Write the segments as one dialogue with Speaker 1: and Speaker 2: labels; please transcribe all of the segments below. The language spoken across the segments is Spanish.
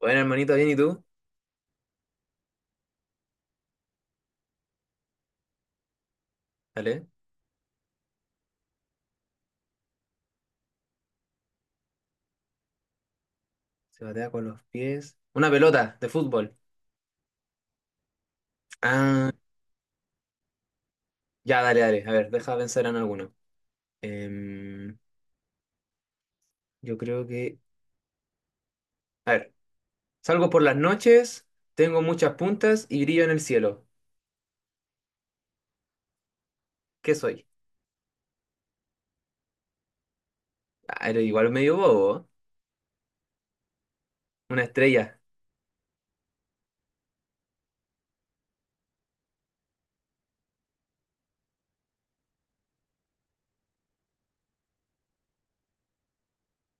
Speaker 1: Bueno, hermanito, bien, ¿y tú? Dale. Se batea con los pies. Una pelota de fútbol. Ah, ya, dale, dale. A ver, deja pensar en alguno. Em, yo creo que. A ver, salgo por las noches, tengo muchas puntas y brillo en el cielo. ¿Qué soy? Ah, eres igual medio bobo, ¿eh? Una estrella.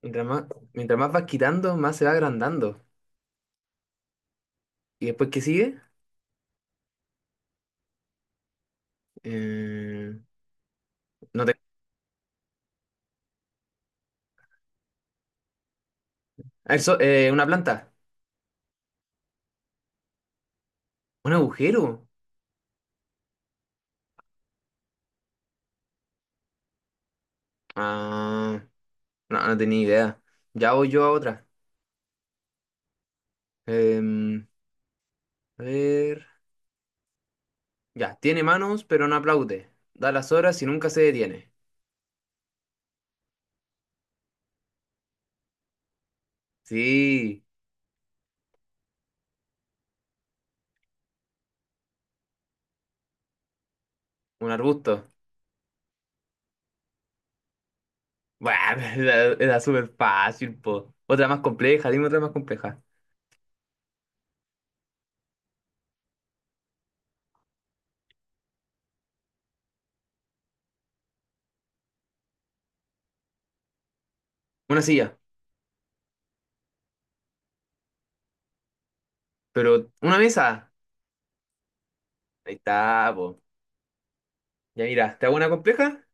Speaker 1: Mientras más, mientras más vas quitando, más se va agrandando. ¿Y después qué sigue? Em, no te... Ah, una planta. ¿Un agujero? Ah, no, no tenía idea. Ya voy yo a otra. Em, a ver. Ya, tiene manos, pero no aplaude. Da las horas y nunca se detiene. Sí, un arbusto. Bueno, era súper fácil, po. Otra más compleja, dime otra más compleja. Una silla, pero una mesa. Ahí está, po. Ya mira, ¿te hago una compleja?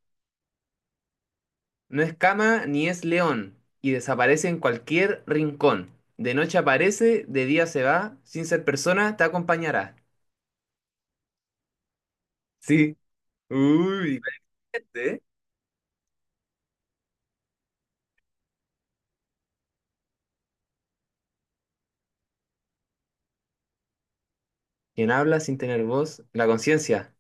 Speaker 1: No es cama ni es león y desaparece en cualquier rincón. De noche aparece, de día se va, sin ser persona te acompañará. Sí. Uy, ¿eh? Quien habla sin tener voz, la conciencia.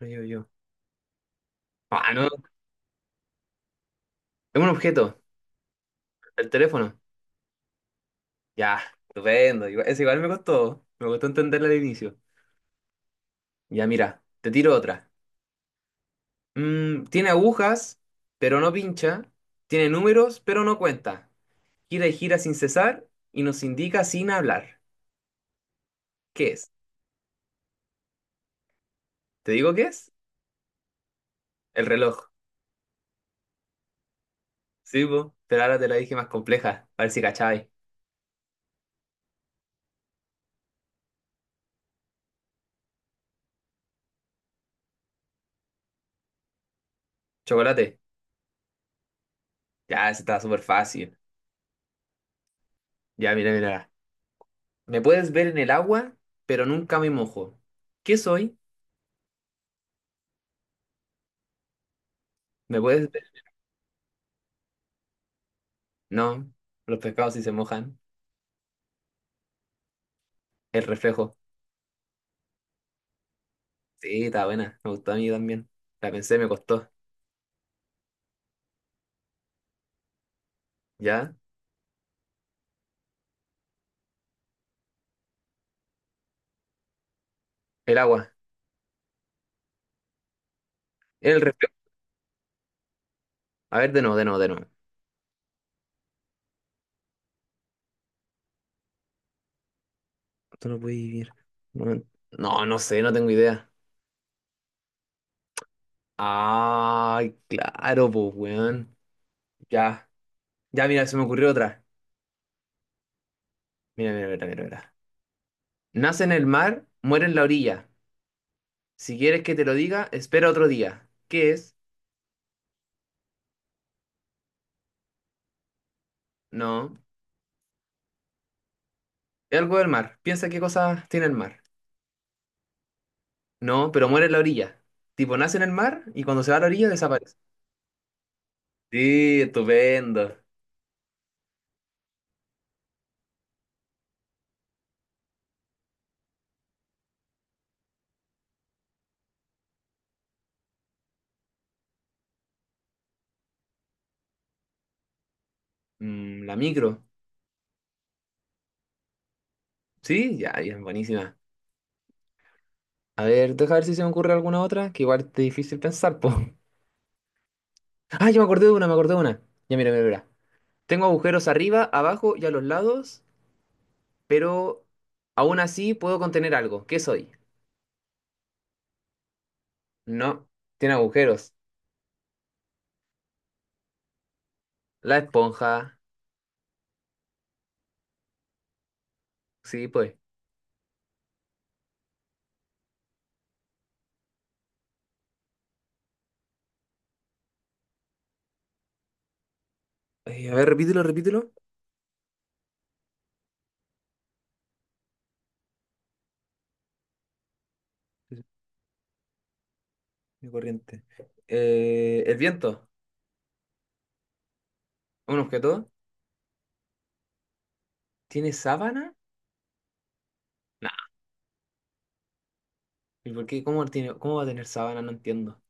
Speaker 1: Yo. Ah, no, es un objeto, el teléfono. Ya, estupendo. Igual, ese igual me costó entenderla al inicio. Ya, mira, te tiro otra. Mm, tiene agujas, pero no pincha. Tiene números, pero no cuenta. Gira y gira sin cesar y nos indica sin hablar. ¿Qué es? ¿Te digo qué es? El reloj. Sí, po, pero ahora te la dije más compleja. A ver si cachai. Chocolate. Ya, ese está súper fácil. Ya, mira, mira. Me puedes ver en el agua, pero nunca me mojo. ¿Qué soy? ¿Me puedes ver? No, los pescados sí se mojan. El reflejo. Sí, está buena. Me gustó a mí también. La pensé, me costó. ¿Ya? El agua. El reflejo. A ver, de nuevo, de nuevo, de nuevo. Tú no puedes vivir. No, no, no sé, no tengo idea. Ay, claro, pues, weón. Ya. Ya, mira, se me ocurrió otra. Mira, mira, mira, mira, mira. Nace en el mar, muere en la orilla. Si quieres que te lo diga, espera otro día. ¿Qué es? No. Es algo del mar. Piensa qué cosas tiene el mar. No, pero muere en la orilla. Tipo, nace en el mar y cuando se va a la orilla desaparece. Sí, estupendo. Mm, la micro. Sí, ya, ya, buenísima. A ver, deja ver si se me ocurre alguna otra, que igual es difícil pensar, po. Ah, yo me acordé de una, me acordé de una. Ya, mira, mira, mira. Tengo agujeros arriba, abajo y a los lados, pero aún así puedo contener algo. ¿Qué soy? No, tiene agujeros. La esponja. Sí, pues. Ay, a ver, repítelo, repítelo. Mi corriente. El viento. Un objeto. ¿Tiene sábana? Nah. ¿Y por qué? ¿Cómo tiene, cómo va a tener sábana? No entiendo.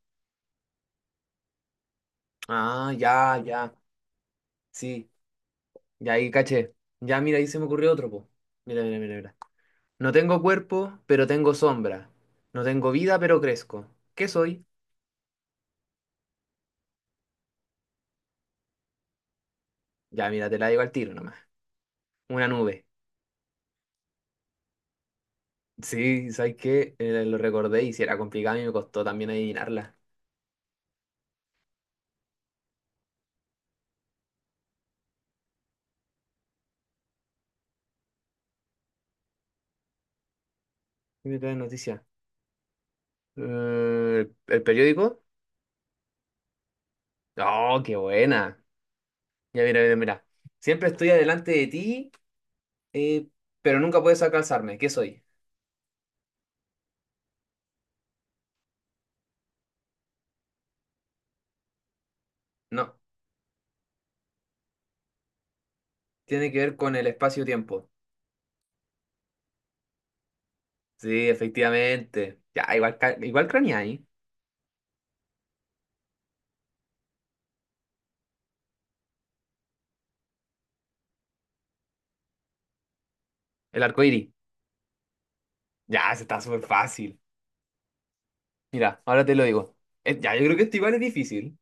Speaker 1: Ah, ya, ya. Sí. Ya ahí caché. Ya, mira, ahí se me ocurrió otro, po. Mira, mira, mira, mira. No tengo cuerpo, pero tengo sombra. No tengo vida, pero crezco. ¿Qué soy? Ya, mira, te la digo al tiro nomás. Una nube. Sí, ¿sabes qué? Lo recordé y si era complicado y me costó también adivinarla. ¿Qué me trae noticia? ¿El periódico? Oh, qué buena. Ya, mira, mira, mira. Siempre estoy adelante de ti, eh, pero nunca puedes alcanzarme. ¿Qué soy? No, tiene que ver con el espacio-tiempo. Sí, efectivamente. Ya, igual, igual craneé ahí. El arco iris. Ya, se está súper fácil. Mira, ahora te lo digo. Ya, yo creo que esto igual es difícil.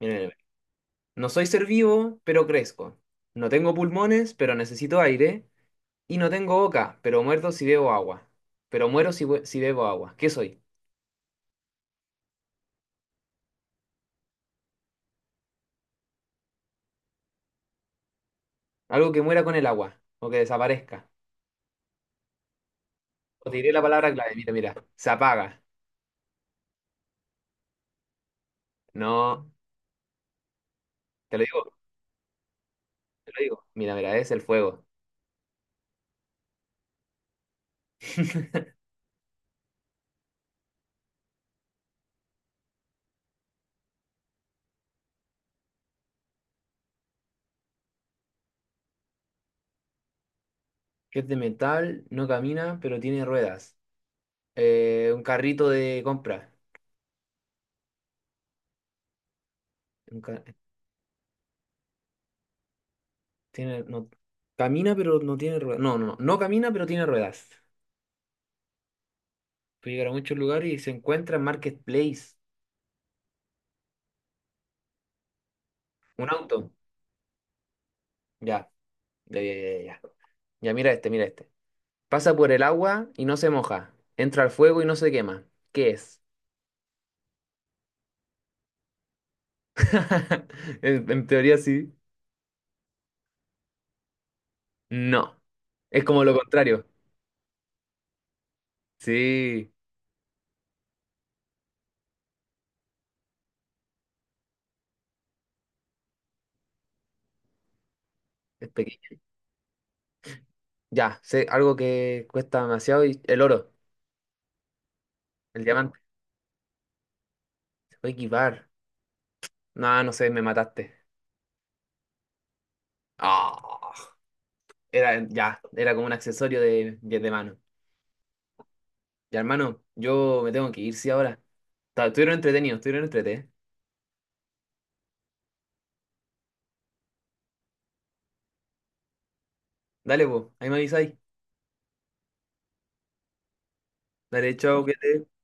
Speaker 1: Mira, mira, mira. No soy ser vivo, pero crezco. No tengo pulmones, pero necesito aire. Y no tengo boca, pero muerto si bebo agua. Pero muero si, bu- si bebo agua. ¿Qué soy? Algo que muera con el agua o que desaparezca. Te diré la palabra clave, mira, mira. Se apaga. No, te lo digo, te lo digo. Mira, mira, es el fuego. Que es de metal, no camina, pero tiene ruedas. Un carrito de compra. Un ca- tiene, no, camina, pero no tiene ruedas. No, no, no. No camina, pero tiene ruedas. Puede llegar a muchos lugares y se encuentra en Marketplace. Un auto. Ya, ya, ya, ya. Ya, ya, mira este, mira este. Pasa por el agua y no se moja. Entra al fuego y no se quema. ¿Qué es? En teoría sí. No, es como lo contrario. Sí, es pequeño. Ya, sé algo que cuesta demasiado y el oro, el diamante. Se puede equipar. No, no sé, me mataste. Ah, era como un accesorio de, de mano. Ya, hermano, yo me tengo que ir, sí, ahora. Estuvieron entretenidos, estuvieron entretenidos. Dale, pues, ahí me avisáis. Dale, chao, que te